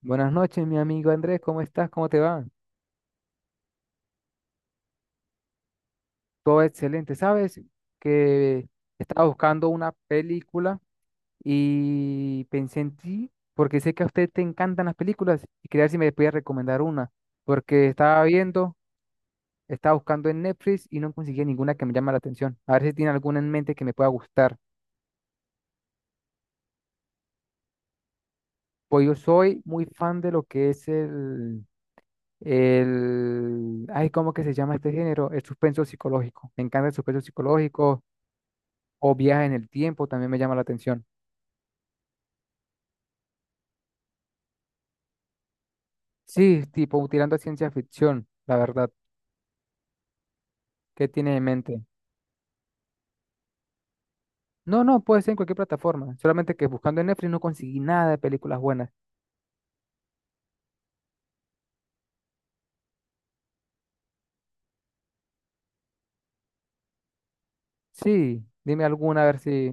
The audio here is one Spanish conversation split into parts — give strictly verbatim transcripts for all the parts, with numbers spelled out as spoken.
Buenas noches, mi amigo Andrés, ¿cómo estás? ¿Cómo te va? Todo excelente. Sabes que estaba buscando una película y pensé en ti porque sé que a usted te encantan las películas y quería ver si me podía recomendar una, porque estaba viendo, estaba buscando en Netflix y no conseguía ninguna que me llame la atención. A ver si tiene alguna en mente que me pueda gustar. Pues yo soy muy fan de lo que es el, el, ay, ¿cómo que se llama este género? El suspenso psicológico. Me encanta el suspenso psicológico o viajes en el tiempo también me llama la atención. Sí, tipo tirando a ciencia ficción, la verdad. ¿Qué tiene en mente? No, no, puede ser en cualquier plataforma. Solamente que buscando en Netflix no conseguí nada de películas buenas. Sí, dime alguna a ver si,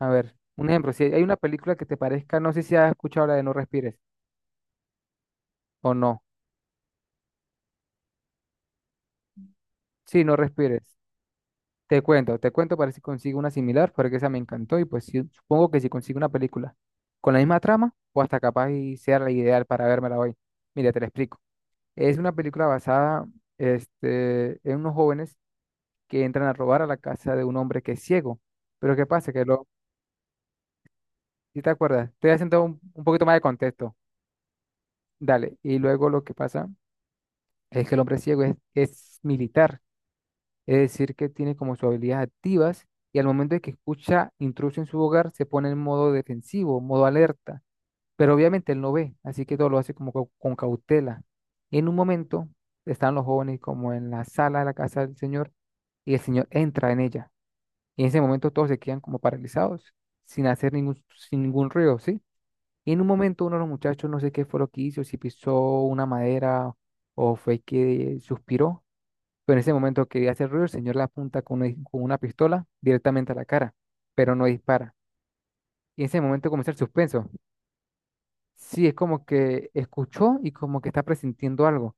a ver, un ejemplo, si hay una película que te parezca, no sé si has escuchado la de No Respires o no. Sí, No Respires. Te cuento, te cuento para ver si consigo una similar, porque esa me encantó y pues sí, supongo que si consigo una película con la misma trama, o hasta capaz y sea la ideal para vérmela hoy. Mira, te lo explico. Es una película basada, este, en unos jóvenes que entran a robar a la casa de un hombre que es ciego. Pero ¿qué pasa? Que lo, si te acuerdas, estoy haciendo un, un poquito más de contexto. Dale. Y luego lo que pasa es que el hombre ciego es, es militar, es decir, que tiene como sus habilidades activas y al momento de que escucha intruso en su hogar se pone en modo defensivo, modo alerta. Pero obviamente él no ve, así que todo lo hace como co- con cautela. Y en un momento están los jóvenes como en la sala de la casa del Señor y el Señor entra en ella. Y en ese momento todos se quedan como paralizados, sin hacer ningún, sin ningún ruido, ¿sí? Y en un momento uno de los muchachos, no sé qué fue lo que hizo, si pisó una madera o fue que suspiró, pero en ese momento quería hacer ruido, el Señor le apunta con una, con una pistola directamente a la cara, pero no dispara. Y en ese momento comienza el suspenso. Sí, es como que escuchó y como que está presintiendo algo.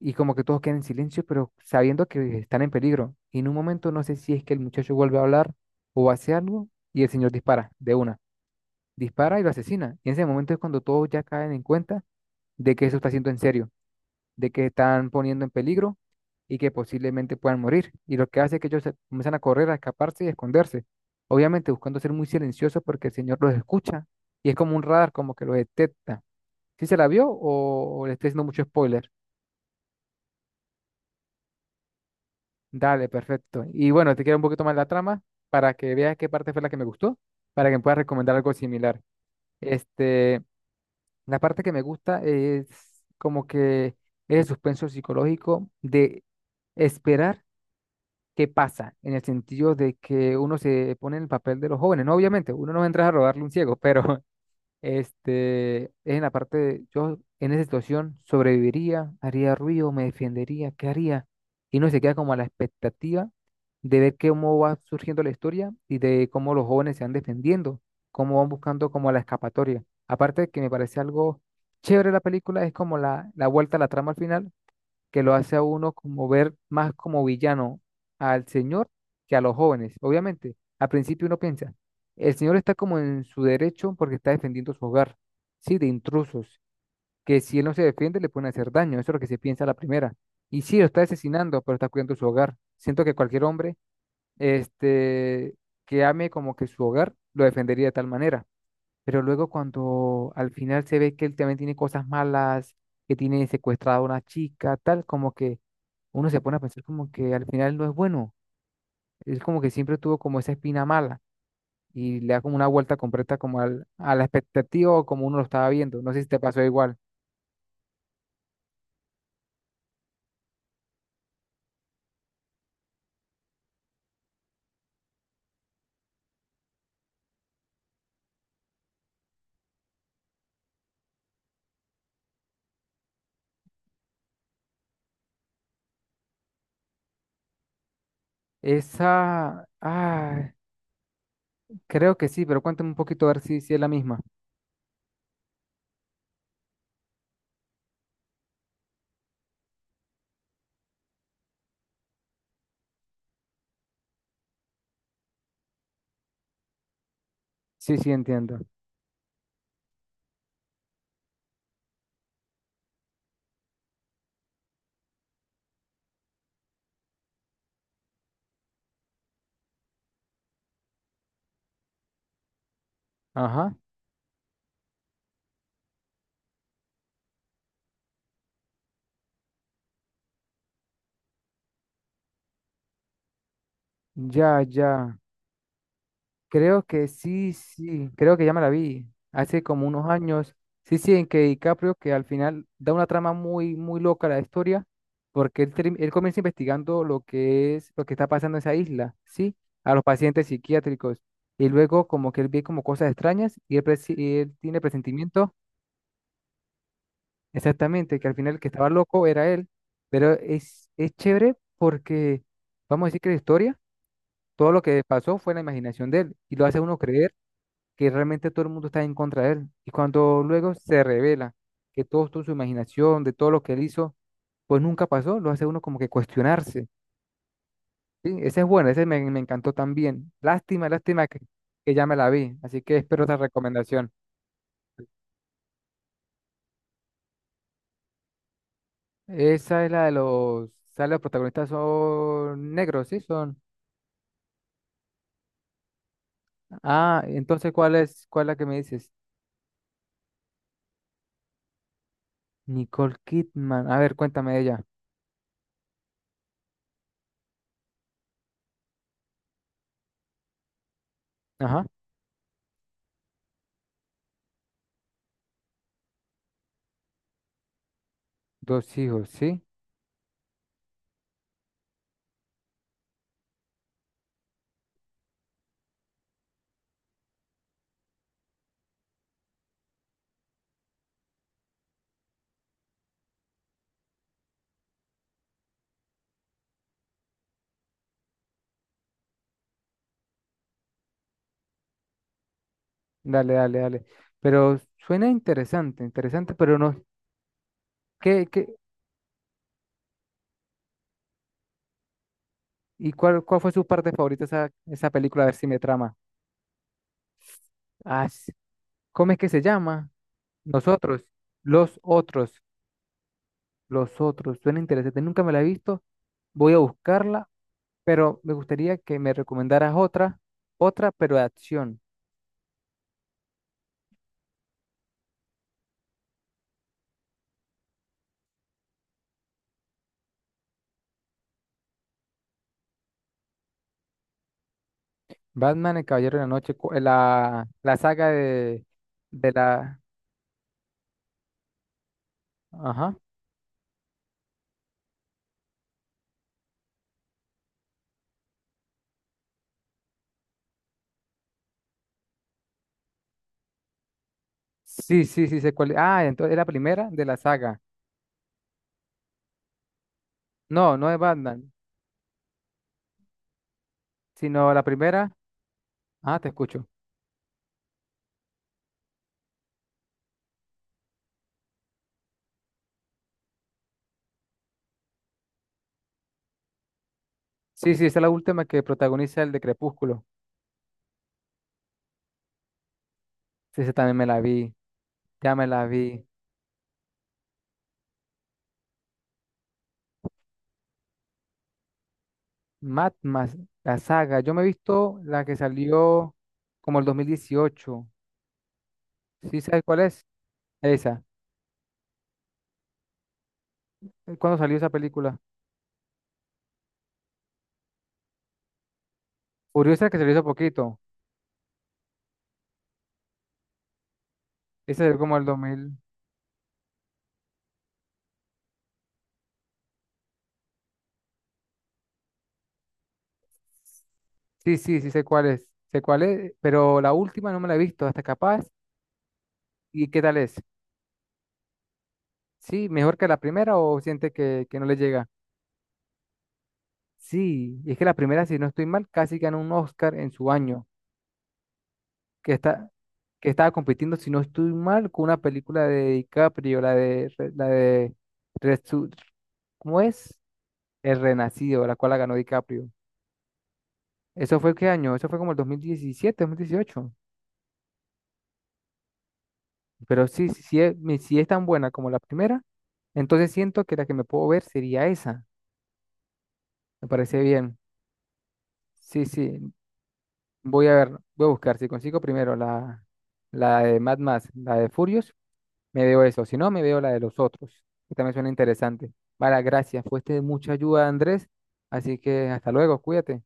Y como que todos quedan en silencio, pero sabiendo que están en peligro. Y en un momento no sé si es que el muchacho vuelve a hablar o hace algo y el señor dispara de una. Dispara y lo asesina. Y en ese momento es cuando todos ya caen en cuenta de que eso está siendo en serio, de que están poniendo en peligro y que posiblemente puedan morir. Y lo que hace es que ellos se- comienzan a correr, a escaparse y a esconderse. Obviamente buscando ser muy silenciosos porque el señor los escucha y es como un radar, como que los detecta. ¿Sí se la vio o, o le estoy haciendo mucho spoiler? Dale, perfecto. Y bueno, te quiero un poquito más la trama para que veas qué parte fue la que me gustó, para que me puedas recomendar algo similar. Este, la parte que me gusta es como que es el suspenso psicológico de esperar qué pasa, en el sentido de que uno se pone en el papel de los jóvenes. No, obviamente, uno no entra a robarle un ciego, pero Este, es en la parte de, yo en esa situación sobreviviría, haría ruido, me defendería, ¿qué haría? Y uno se queda como a la expectativa de ver cómo va surgiendo la historia y de cómo los jóvenes se van defendiendo, cómo van buscando como la escapatoria. Aparte de que me parece algo chévere la película, es como la, la vuelta a la trama al final, que lo hace a uno como ver más como villano al señor que a los jóvenes. Obviamente, al principio uno piensa, el señor está como en su derecho porque está defendiendo su hogar, sí, de intrusos, que si él no se defiende le pueden hacer daño, eso es lo que se piensa a la primera. Y sí, lo está asesinando, pero está cuidando su hogar. Siento que cualquier hombre, este, que ame como que su hogar, lo defendería de tal manera. Pero luego cuando al final se ve que él también tiene cosas malas, que tiene secuestrada a una chica, tal, como que uno se pone a pensar como que al final no es bueno. Es como que siempre tuvo como esa espina mala y le da como una vuelta completa como al, a la expectativa o como uno lo estaba viendo. No sé si te pasó igual. Esa, ah, creo que sí, pero cuéntame un poquito a ver si, si es la misma. Sí, sí, entiendo. Ajá, ya, ya. Creo que sí. Sí, creo que ya me la vi hace como unos años. Sí, sí, en que DiCaprio, que al final da una trama muy, muy loca a la historia, porque él, term- él comienza investigando lo que es, lo que está pasando en esa isla, ¿sí? A los pacientes psiquiátricos. Y luego como que él ve como cosas extrañas y él, presi- y él tiene presentimiento, exactamente, que al final el que estaba loco era él. Pero es, es chévere porque, vamos a decir que la historia, todo lo que pasó fue la imaginación de él y lo hace uno creer que realmente todo el mundo está en contra de él. Y cuando luego se revela que todo esto, su imaginación, de todo lo que él hizo, pues nunca pasó, lo hace uno como que cuestionarse. Sí, ese es bueno, ese me, me encantó también. Lástima, lástima que, que ya me la vi, así que espero otra recomendación. Esa es la de los, sale los protagonistas son negros, ¿sí? Son. Ah, entonces, ¿cuál es, cuál es la que me dices? Nicole Kidman. A ver, cuéntame de ella. Ajá. Dos hijos, ¿sí? Dale, dale, dale. Pero suena interesante, interesante, pero no. ¿Qué, qué? ¿Y cuál, cuál fue su parte favorita esa, esa película? A ver si me trama. Ah, s- ¿cómo es que se llama? Nosotros, los otros, los otros. Suena interesante. Nunca me la he visto. Voy a buscarla, pero me gustaría que me recomendaras otra, otra, pero de acción. Batman, el Caballero de la Noche, cu- eh, la, la saga de, de la... Ajá. Sí, sí, sí, sé cuál. Ah, entonces es la primera de la saga. No, no es Batman, sino la primera. Ah, te escucho. Sí, sí, esa es la última que protagoniza el de Crepúsculo. Sí, esa también me la vi. Ya me la vi. Mad Max, la saga. Yo me he visto la que salió como el dos mil dieciocho. ¿Sí sabes cuál es? Esa. ¿Cuándo salió esa película? Furiosa que salió hace poquito. Esa salió como el dos mil. Sí, sí, sí sé cuál es. Sé cuál es, pero la última no me la he visto. Hasta capaz. ¿Y qué tal es? ¿Sí? ¿Mejor que la primera o siente que, que, no le llega? Sí, y es que la primera, si no estoy mal, casi ganó un Oscar en su año, que está, que estaba compitiendo, si no estoy mal, con una película de DiCaprio, la de, Re- la de Resu- ¿cómo es? El Renacido, la cual la ganó DiCaprio. ¿Eso fue qué año? Eso fue como el dos mil diecisiete, dos mil dieciocho. Pero sí, sí, sí es, mi- si es tan buena como la primera, entonces siento que la que me puedo ver sería esa. Me parece bien. Sí, sí, voy a ver, voy a buscar si consigo primero la, la de Mad Max, la de Furious, Me veo eso, si no, me veo la de los otros, que también suena interesante. Vale, gracias, fuiste de mucha ayuda, Andrés, así que hasta luego, cuídate.